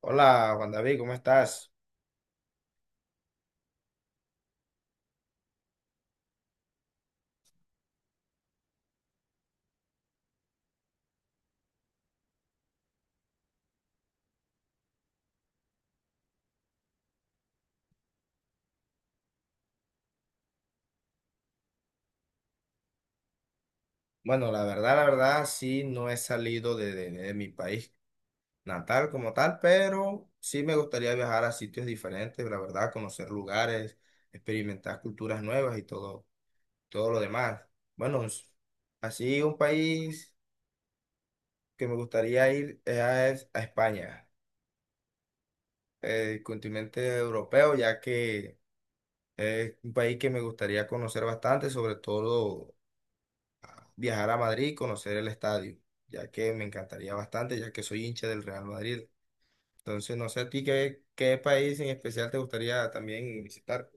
Hola, Juan David, ¿cómo estás? Bueno, la verdad, sí, no he salido de mi país natal como tal, pero sí me gustaría viajar a sitios diferentes, la verdad, conocer lugares, experimentar culturas nuevas y todo, todo lo demás. Bueno, es- Así un país que me gustaría ir es a España, el continente europeo, ya que es un país que me gustaría conocer bastante, sobre todo. Viajar a Madrid y conocer el estadio, ya que me encantaría bastante, ya que soy hincha del Real Madrid. Entonces, no sé a ti qué país en especial te gustaría también visitar.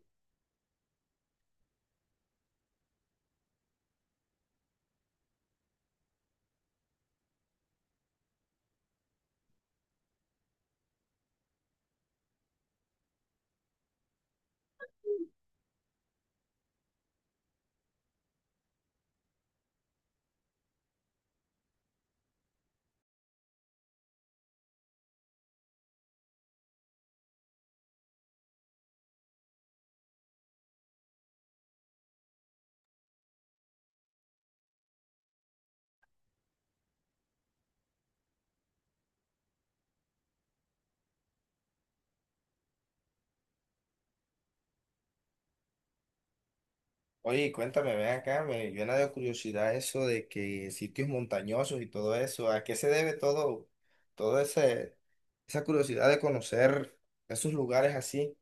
Oye, cuéntame, ven acá, me llena de curiosidad eso de que sitios montañosos y todo eso, ¿a qué se debe todo, todo ese, esa curiosidad de conocer esos lugares así?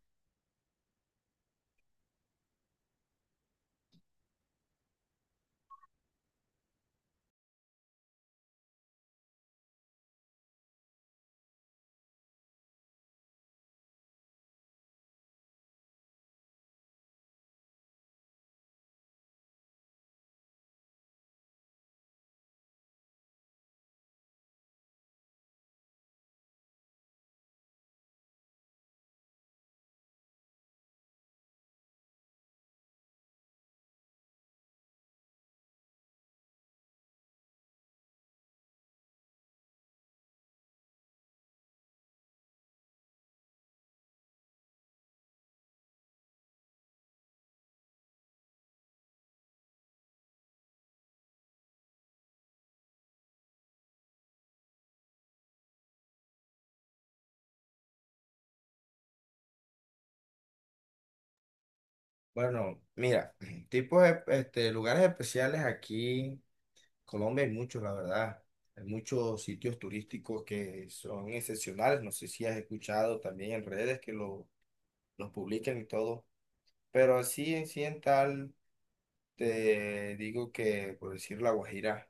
Bueno, mira, tipos de este, lugares especiales aquí. Colombia hay muchos, la verdad. Hay muchos sitios turísticos que son excepcionales. No sé si has escuchado también en redes que los publican y todo. Pero así en sí en tal, te digo que, por decir La Guajira,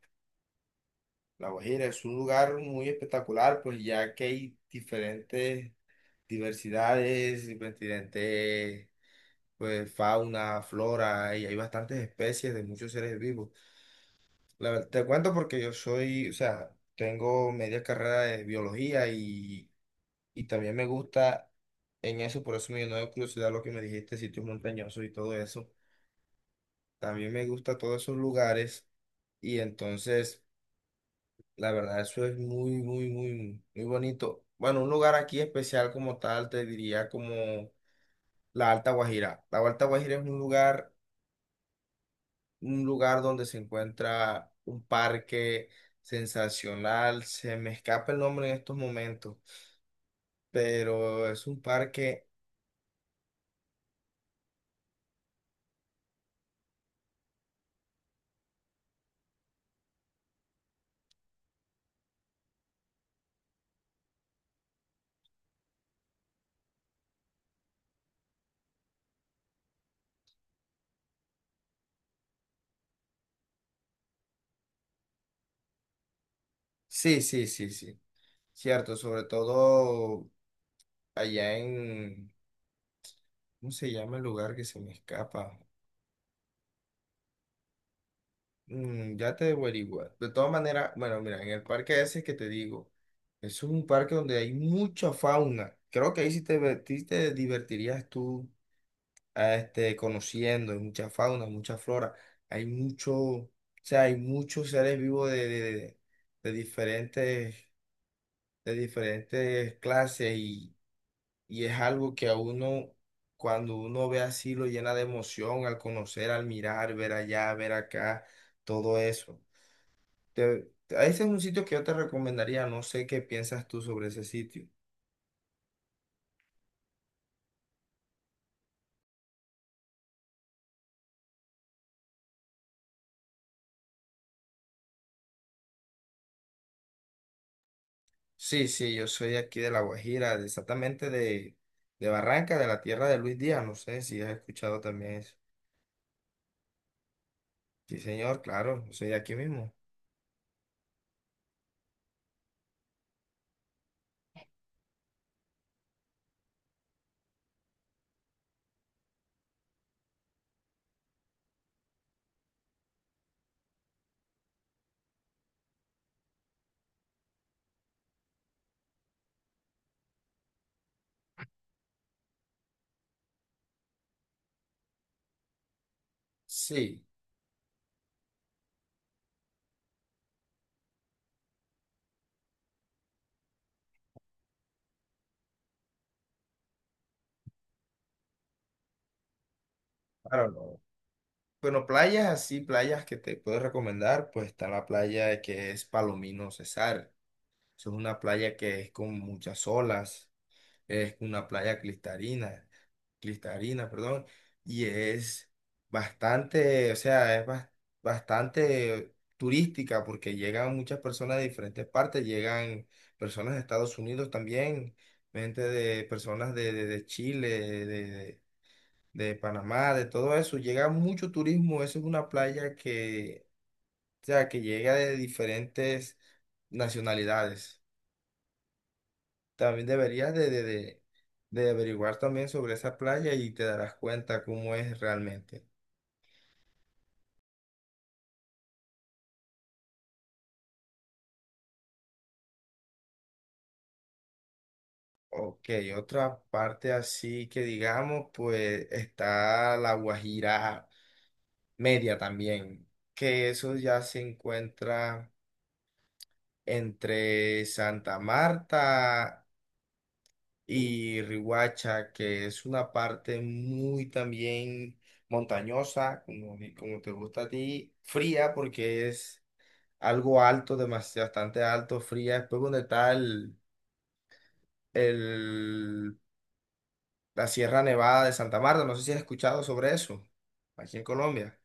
La Guajira es un lugar muy espectacular, pues ya que hay diferentes diversidades, diferentes, pues fauna, flora, y hay bastantes especies de muchos seres vivos. La verdad, te cuento porque yo soy, o sea, tengo media carrera de biología y también me gusta en eso, por eso me llenó de curiosidad lo que me dijiste, sitios montañosos y todo eso. También me gusta todos esos lugares y entonces, la verdad, eso es muy, muy, muy, muy bonito. Bueno, un lugar aquí especial como tal, te diría como la Alta Guajira. La Alta Guajira es un lugar donde se encuentra un parque sensacional. Se me escapa el nombre en estos momentos, pero es un parque. Sí, sí, sí, sí. Cierto, sobre todo allá en. ¿Cómo se llama el lugar que se me escapa? Mm, ya te debo averiguar. De todas maneras, bueno, mira, en el parque ese que te digo, es un parque donde hay mucha fauna. Creo que ahí sí sí te divertirías tú conociendo, hay mucha fauna, mucha flora, hay mucho, o sea, hay muchos seres vivos de diferentes, de diferentes clases y es algo que a uno, cuando uno ve así, lo llena de emoción al conocer, al mirar, ver allá, ver acá, todo eso. Ese es un sitio que yo te recomendaría, no sé qué piensas tú sobre ese sitio. Sí, sí, yo soy de aquí de La Guajira, de- exactamente de Barranca, de la tierra de Luis Díaz, no sé si has escuchado también eso. Sí, señor, claro, yo soy de aquí mismo. Sí, claro, no. Bueno, playas así, playas que te puedo recomendar, pues está la playa que es Palomino Cesar. Es una playa que es con muchas olas, es una playa cristalina, cristalina, perdón, y es bastante, o sea, bastante turística porque llegan muchas personas de diferentes partes, llegan personas de Estados Unidos también, gente de personas de Chile, de Panamá, de todo eso, llega mucho turismo, eso es una playa que, o sea, que llega de diferentes nacionalidades. También deberías de averiguar también sobre esa playa y te darás cuenta cómo es realmente. Ok, otra parte así que digamos, pues está la Guajira Media también, que eso ya se encuentra entre Santa Marta y Riohacha, que es una parte muy también montañosa, como, como te gusta a ti, fría porque es algo alto, demasiado, bastante alto, fría. Después donde está el- la Sierra Nevada de Santa Marta, no sé si has escuchado sobre eso, aquí en Colombia.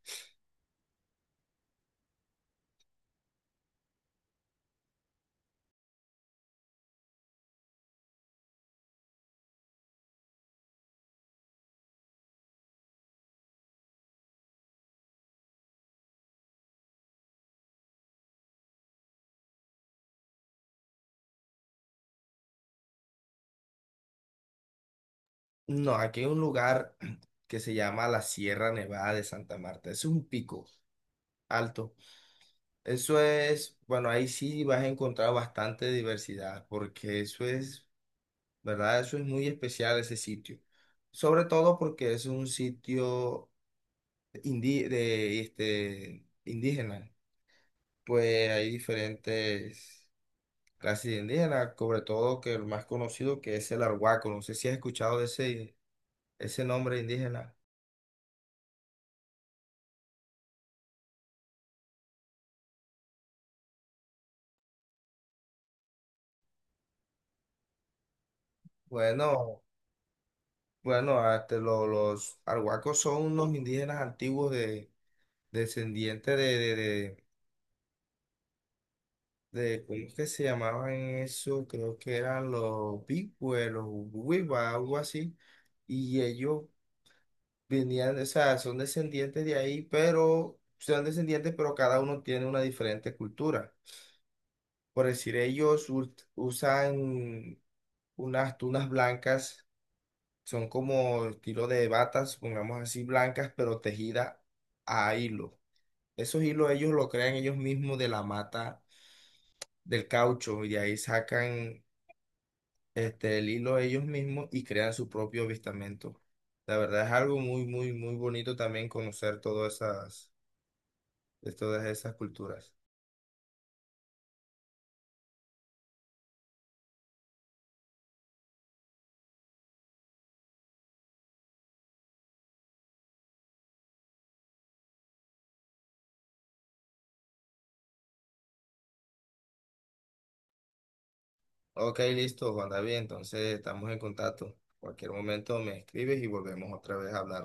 No, aquí hay un lugar que se llama la Sierra Nevada de Santa Marta. Es un pico alto. Eso es, bueno, ahí sí vas a encontrar bastante diversidad, porque eso es, ¿verdad? Eso es muy especial ese sitio. Sobre todo porque es un sitio este, indígena. Pues hay diferentes clases de indígenas, sobre todo que el más conocido que es el arhuaco. No sé si has escuchado de ese, ese nombre indígena. Bueno, bueno, hasta los arhuacos son unos indígenas antiguos de, descendientes de ¿cómo es que se llamaban eso? Creo que eran los pigües, los huiba, algo así. Y ellos venían, o sea, son descendientes de ahí, pero son descendientes, pero cada uno tiene una diferente cultura. Por decir, usan unas tunas blancas, son como estilo de batas, pongamos así, blancas, pero tejidas a hilo. Esos hilos ellos lo crean ellos mismos de la mata del caucho y de ahí sacan este, el hilo ellos mismos y crean su propio avistamento. La verdad es algo muy, muy, muy bonito también conocer todas esas culturas. Ok, listo, Juan David. Entonces estamos en contacto. Cualquier momento me escribes y volvemos otra vez a hablar.